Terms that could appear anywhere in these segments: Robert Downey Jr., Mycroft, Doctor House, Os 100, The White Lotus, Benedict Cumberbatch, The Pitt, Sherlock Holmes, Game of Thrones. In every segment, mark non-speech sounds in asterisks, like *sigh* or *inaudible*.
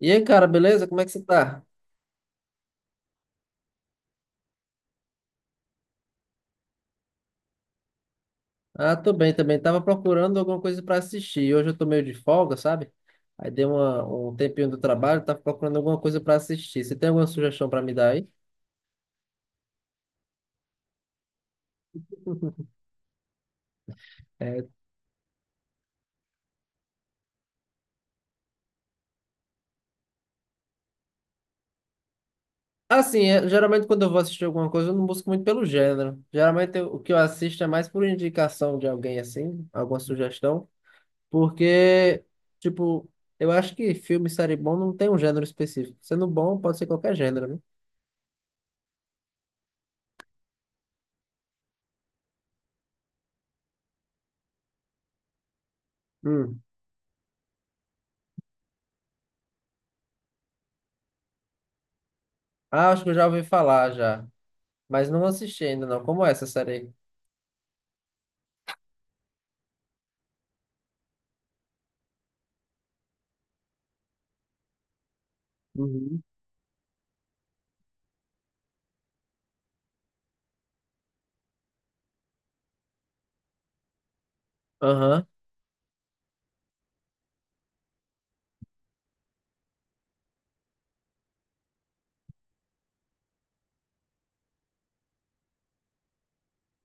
E aí, cara, beleza? Como é que você tá? Ah, tô bem também. Tava procurando alguma coisa pra assistir. Hoje eu tô meio de folga, sabe? Aí um tempinho do trabalho, tava procurando alguma coisa pra assistir. Você tem alguma sugestão pra me dar aí? *laughs* É, assim, geralmente quando eu vou assistir alguma coisa, eu não busco muito pelo gênero. O que eu assisto é mais por indicação de alguém, assim, alguma sugestão. Porque, tipo, eu acho que filme e série bom não tem um gênero específico. Sendo bom, pode ser qualquer gênero, né? Hum. Ah, acho que eu já ouvi falar já. Mas não assisti ainda, não. Como é essa série aí? Uhum. Aham.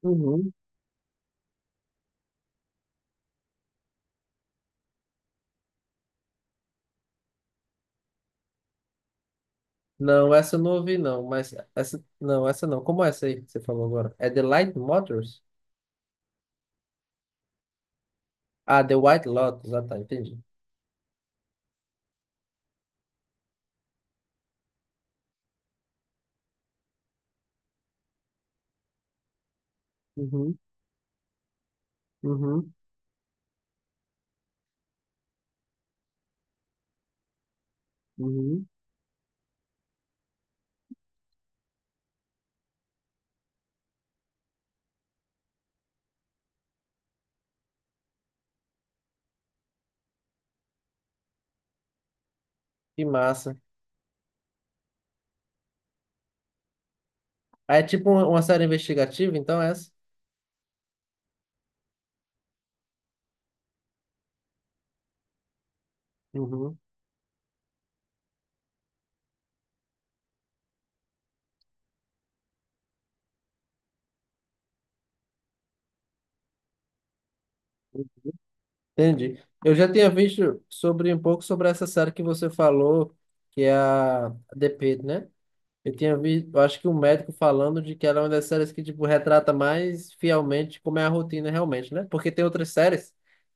Uhum. Não, essa eu não ouvi, não. Mas essa. Não, essa não. Como é essa aí que você falou agora? É The Light Motors? Ah, The White Lotus. Ah, tá, entendi. Uhum. Uhum. Uhum. Que massa. Ah, é tipo uma série investigativa, então é essa? Uhum. Entendi. Eu já tinha visto sobre um pouco sobre essa série que você falou, que é a The Pitt, né? Eu tinha visto, eu acho que um médico falando de que ela é uma das séries que, tipo, retrata mais fielmente como é a rotina realmente, né? Porque tem outras séries,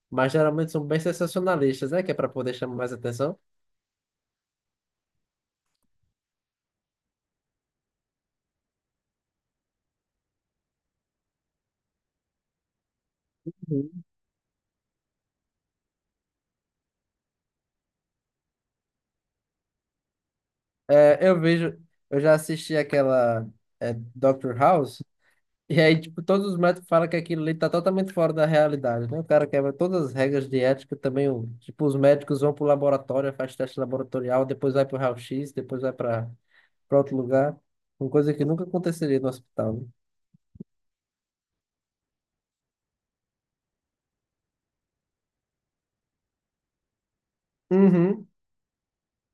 mas geralmente são bem sensacionalistas, né? Que é pra poder chamar mais atenção. Uhum. É, eu vejo, eu já assisti aquela Doctor House, e aí, tipo, todos os médicos falam que aquilo ali tá totalmente fora da realidade, né? O cara quebra todas as regras de ética também, o, tipo, os médicos vão pro laboratório, faz teste laboratorial, depois vai pro raio-x, depois vai pra para outro lugar. Uma coisa que nunca aconteceria no hospital, né? Uhum.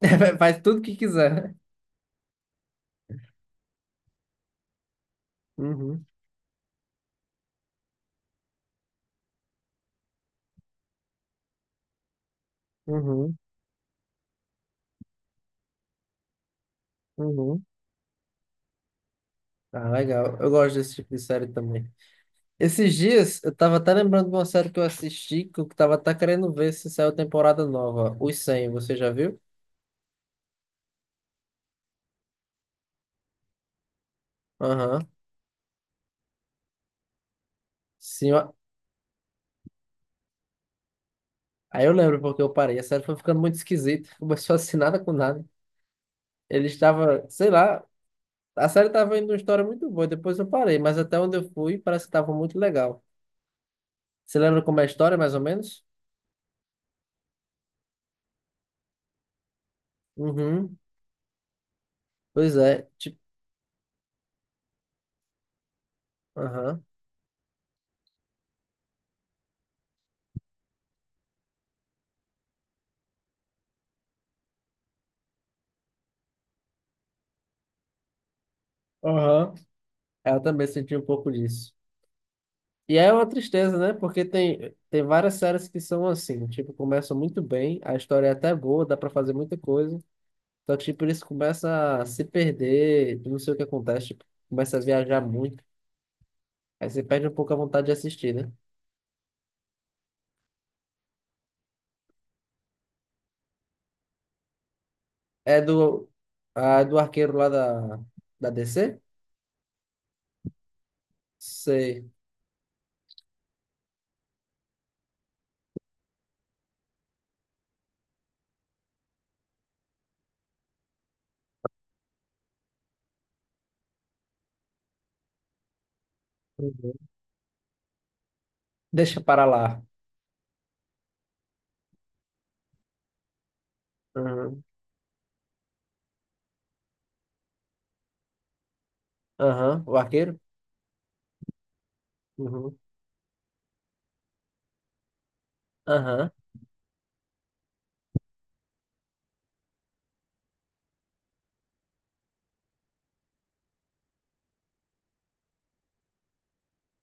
*laughs* Faz tudo que quiser, né? Uhum. Uhum. Uhum. Ah, legal. Eu gosto desse tipo de série também. Esses dias, eu tava até lembrando de uma série que eu assisti, que eu tava até querendo ver se saiu temporada nova. Os 100, você já viu? Aham. Sim, ó. Aí eu lembro porque eu parei. A série foi ficando muito esquisita. *laughs* Começou assim, nada com nada. Ele estava, sei lá, a série tava indo uma história muito boa. Depois eu parei, mas até onde eu fui, parece que tava muito legal. Você lembra como é a história, mais ou menos? Uhum. Pois é. Tipo, aham. Aham. Eu também senti um pouco disso. E é uma tristeza, né? Porque tem, tem várias séries que são assim, tipo, começam muito bem, a história é até boa, dá pra fazer muita coisa, só que, tipo, isso começa a se perder, eu não sei o que acontece, tipo, começa a viajar muito, aí você perde um pouco a vontade de assistir, né? É do, a, do arqueiro lá da, da DC? Sei. Uhum. Deixa para lá. Aham. Aham, o arqueiro? Uhum. Aham.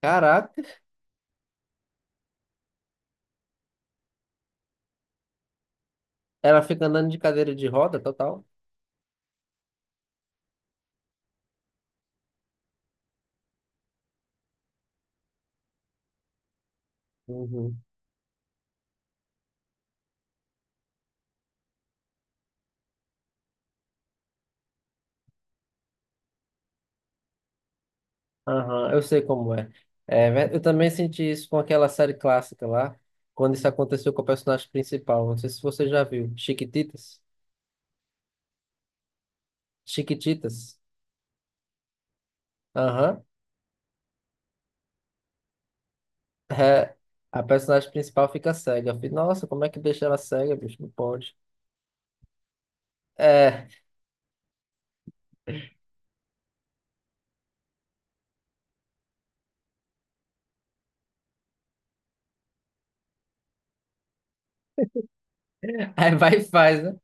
Caraca. Ela fica andando de cadeira de roda, total. Uhum. Aham, eu sei como é. É, eu também senti isso com aquela série clássica lá, quando isso aconteceu com o personagem principal. Não sei se você já viu. Chiquititas? Chiquititas? Aham. É, a personagem principal fica cega. Eu falei, nossa, como é que deixa ela cega, bicho? Não pode. É, *laughs* aí vai e faz, né?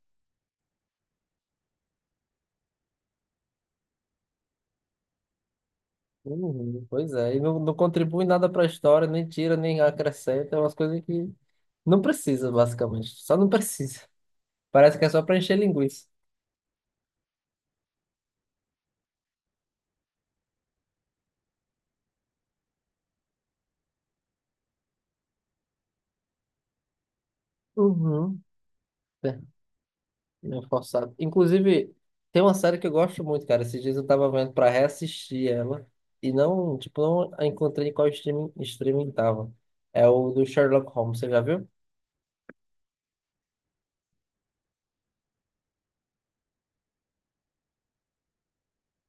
Uhum, pois é, e não, não contribui nada para a história, nem tira, nem acrescenta, é umas coisas que não precisa, basicamente. Só não precisa. Parece que é só para encher linguiça. Uhum. É, meio forçado. Inclusive, tem uma série que eu gosto muito, cara. Esses dias eu tava vendo pra reassistir ela e não, tipo, não a encontrei em qual streaming tava. É o do Sherlock Holmes, você já viu?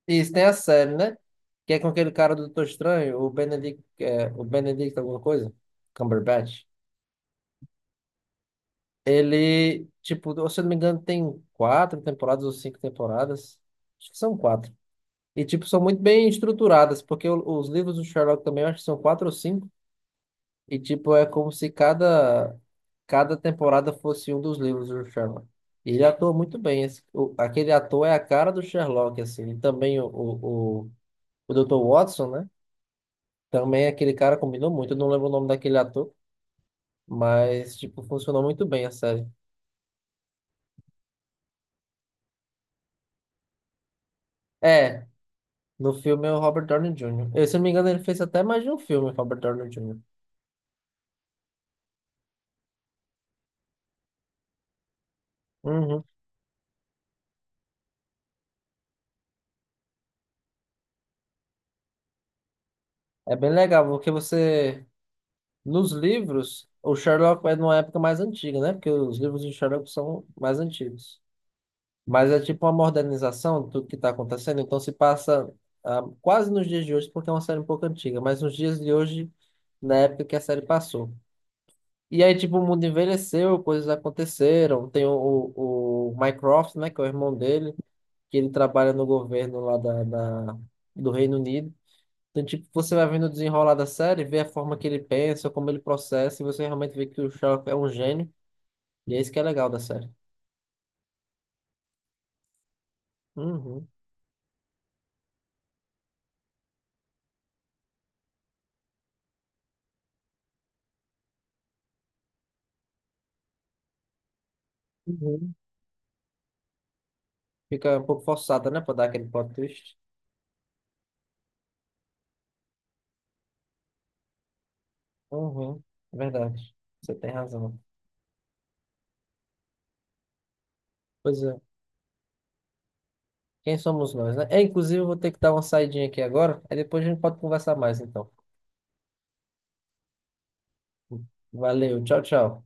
Isso, tem a série, né? Que é com aquele cara do Doutor Estranho, o Benedict, é, o Benedict alguma coisa? Cumberbatch. Ele, tipo, se eu não me engano, tem quatro temporadas ou cinco temporadas. Acho que são quatro. E, tipo, são muito bem estruturadas, porque os livros do Sherlock também eu acho que são quatro ou cinco. E, tipo, é como se cada temporada fosse um dos livros do Sherlock. E ele atua muito bem. Aquele ator é a cara do Sherlock, assim. E também o Dr. Watson, né? Também é aquele cara, combinou muito. Eu não lembro o nome daquele ator, mas, tipo, funcionou muito bem a série. É, no filme é o Robert Downey Jr. Eu, se não me engano, ele fez até mais de um filme, Robert Downey Jr. Uhum. É bem legal, porque você, nos livros, o Sherlock é numa época mais antiga, né? Porque os livros de Sherlock são mais antigos. Mas é tipo uma modernização do que está acontecendo, então se passa ah, quase nos dias de hoje, porque é uma série um pouco antiga, mas nos dias de hoje, na época que a série passou. E aí, tipo, o mundo envelheceu, coisas aconteceram. Tem o Mycroft, né, que é o irmão dele que ele trabalha no governo lá da do Reino Unido. Então, tipo, você vai vendo o desenrolar da série, vê a forma que ele pensa, como ele processa, e você realmente vê que o Sherlock é um gênio, e é isso que é legal da série. Uhum. Uhum. Fica um pouco forçada, né, pra dar aquele plot twist. Uhum. Verdade. Você tem razão. Pois é. Quem somos nós, né? É, inclusive, eu vou ter que dar uma saidinha aqui agora, aí depois a gente pode conversar mais, então. Valeu, tchau, tchau.